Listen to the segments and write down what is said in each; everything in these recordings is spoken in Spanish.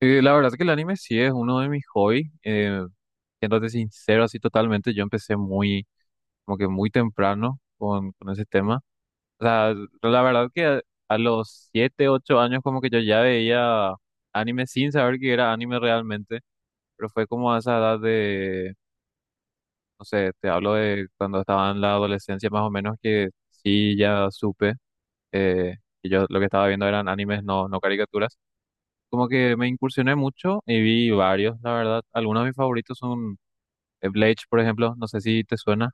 La verdad que el anime sí es uno de mis hobbies. Siéndote sincero, así totalmente, yo empecé muy, como que muy temprano con ese tema. O sea, la verdad que a los 7 u 8 años como que yo ya veía anime sin saber que era anime realmente, pero fue como a esa edad de, no sé, te hablo de cuando estaba en la adolescencia más o menos que sí ya supe eh, que yo lo que estaba viendo eran animes, no caricaturas, como que me incursioné mucho y vi varios, la verdad. Algunos de mis favoritos son Bleach, por ejemplo, no sé si te suena.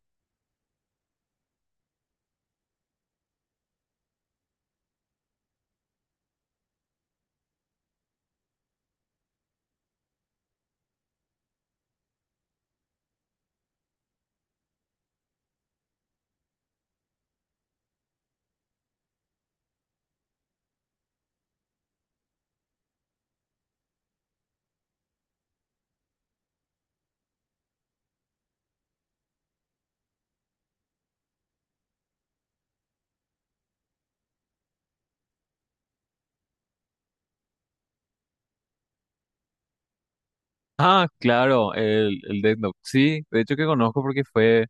Ah, claro, el Death Note. Sí, de hecho que conozco porque fue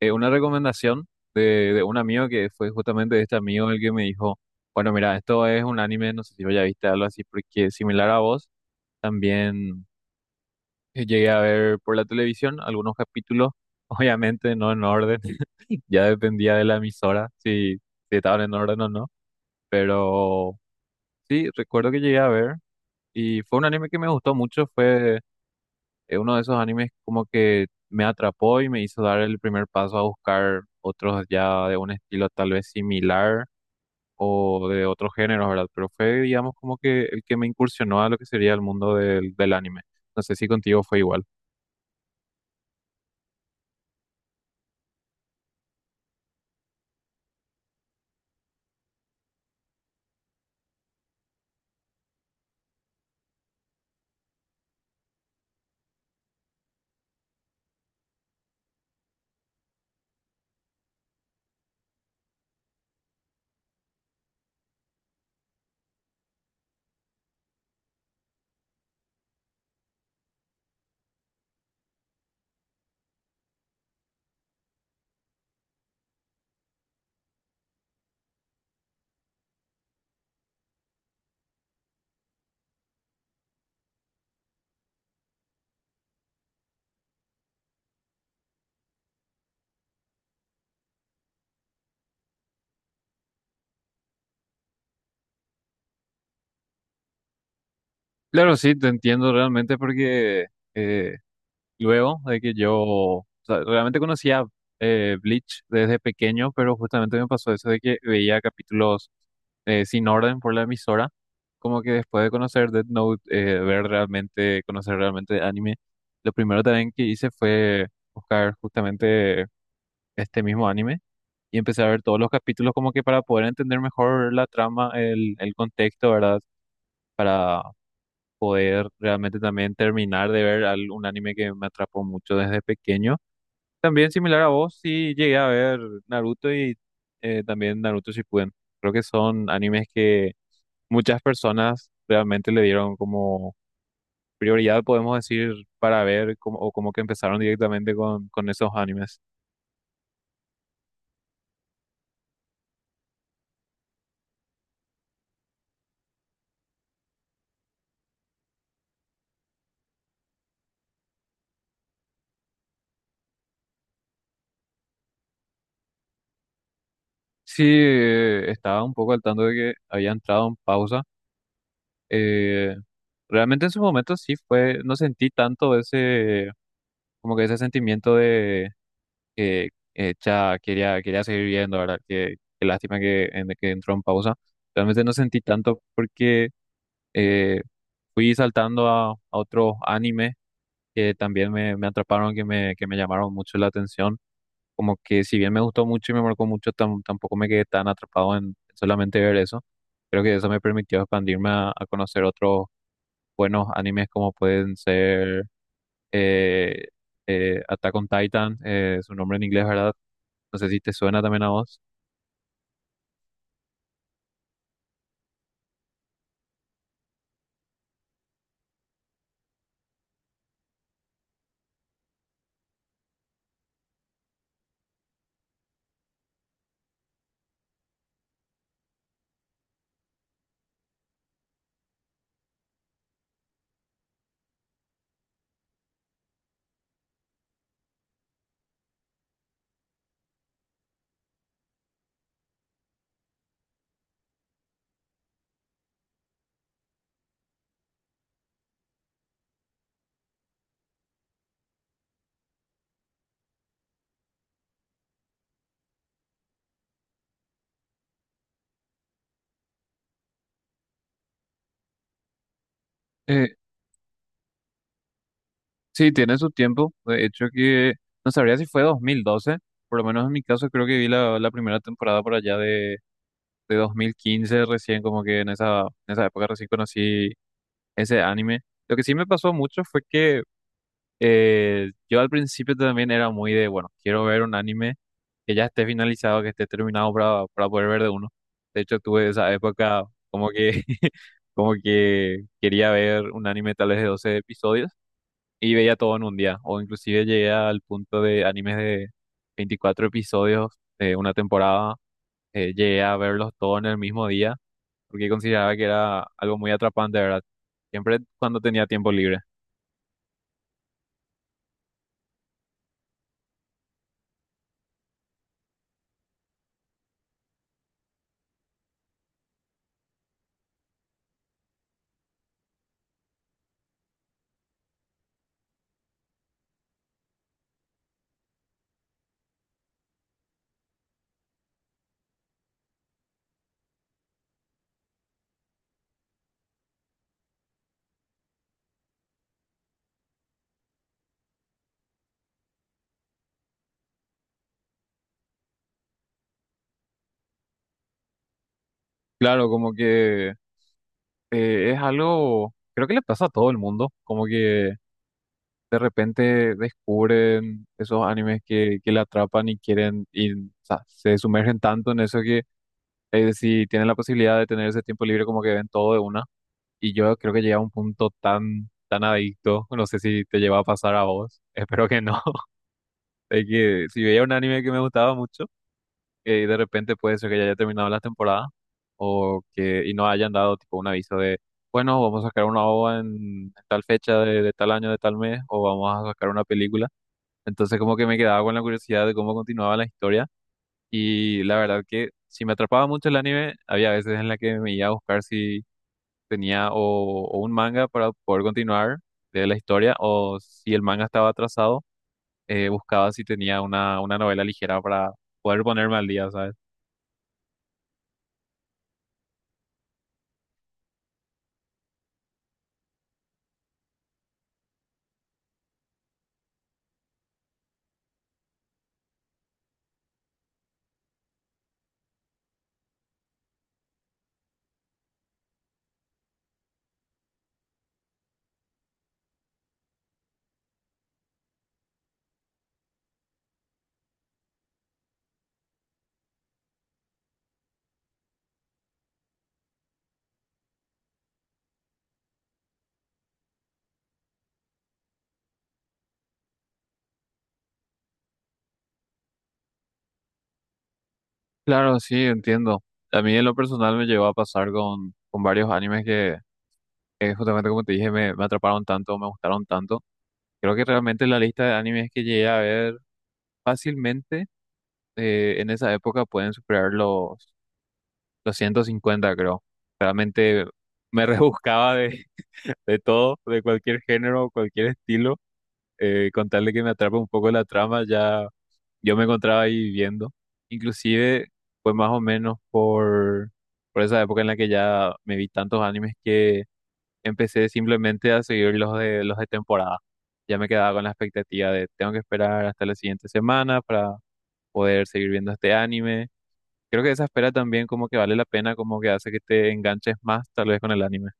una recomendación de un amigo, que fue justamente este amigo el que me dijo, bueno, mira, esto es un anime, no sé si lo ya viste, algo así, porque similar a vos, también llegué a ver por la televisión algunos capítulos, obviamente no en orden, ya dependía de la emisora, si estaban en orden o no, pero sí, recuerdo que llegué a ver y fue un anime que me gustó mucho, fue uno de esos animes como que me atrapó y me hizo dar el primer paso a buscar otros ya de un estilo tal vez similar o de otro género, ¿verdad? Pero fue, digamos, como que el que me incursionó a lo que sería el mundo del anime. No sé si contigo fue igual. Claro, sí, te entiendo realmente porque eh, luego de que yo, o sea, realmente conocía Bleach desde pequeño, pero justamente me pasó eso de que veía capítulos sin orden por la emisora, como que después de conocer Death Note, ver realmente, conocer realmente anime, lo primero también que hice fue buscar justamente este mismo anime y empecé a ver todos los capítulos como que para poder entender mejor la trama, el contexto, ¿verdad? Para poder realmente también terminar de ver un anime que me atrapó mucho desde pequeño. También similar a vos, sí llegué a ver Naruto y también Naruto Shippuden. Creo que son animes que muchas personas realmente le dieron como prioridad, podemos decir, para ver como, o como que empezaron directamente con esos animes. Sí, estaba un poco al tanto de que había entrado en pausa. Eh, Realmente en su momento sí fue, no sentí tanto ese, como que ese sentimiento, eh, ya quería seguir viendo, ¿verdad? Qué, qué lástima que, que entró en pausa. Realmente no sentí tanto porque eh, fui saltando a otros animes que también me atraparon, que que me llamaron mucho la atención. Como que si bien me gustó mucho y me marcó mucho, tampoco me quedé tan atrapado en solamente ver eso. Creo que eso me permitió expandirme a conocer otros buenos animes como pueden ser eh, Attack on Titan, su nombre en inglés, ¿verdad? No sé si te suena también a vos. Eh, sí, tiene su tiempo. De hecho, que no sabría si fue 2012. Por lo menos en mi caso, creo que vi la primera temporada por allá de 2015, recién, como que en en esa época recién conocí ese anime. Lo que sí me pasó mucho fue que yo al principio también era muy de, bueno, quiero ver un anime que ya esté finalizado, que esté terminado para poder ver de uno. De hecho, tuve esa época como que, como que quería ver un anime tal vez de 12 episodios y veía todo en un día. O inclusive llegué al punto de animes de 24 episodios de una temporada. Llegué a verlos todos en el mismo día porque consideraba que era algo muy atrapante, ¿verdad? Siempre cuando tenía tiempo libre. Claro, como que es algo, creo que le pasa a todo el mundo, como que de repente descubren esos animes que le atrapan y quieren, y, o sea, se sumergen tanto en eso que, si tienen la posibilidad de tener ese tiempo libre, como que ven todo de una. Y yo creo que llega a un punto tan, tan adicto, no sé si te lleva a pasar a vos, espero que no, de que si veía un anime que me gustaba mucho, que de repente puede ser que ya haya terminado la temporada o que y no hayan dado tipo un aviso de bueno, vamos a sacar una OVA en tal fecha de tal año, de tal mes, o vamos a sacar una película, entonces como que me quedaba con la curiosidad de cómo continuaba la historia. Y la verdad que si me atrapaba mucho el anime, había veces en la que me iba a buscar si tenía o un manga para poder continuar de la historia, o si el manga estaba atrasado, buscaba si tenía una novela ligera para poder ponerme al día, ¿sabes? Claro, sí, entiendo. A mí en lo personal me llegó a pasar con varios animes que justamente como te dije me atraparon tanto, me gustaron tanto. Creo que realmente la lista de animes que llegué a ver fácilmente, en esa época pueden superar los 150, creo. Realmente me rebuscaba de, de todo, de cualquier género, cualquier estilo. Con tal de que me atrape un poco la trama, ya yo me encontraba ahí viviendo. Inclusive fue más o menos por esa época en la que ya me vi tantos animes que empecé simplemente a seguir los de temporada. Ya me quedaba con la expectativa de tengo que esperar hasta la siguiente semana para poder seguir viendo este anime. Creo que esa espera también, como que vale la pena, como que hace que te enganches más tal vez con el anime.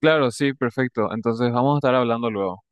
Claro, sí, perfecto. Entonces vamos a estar hablando luego.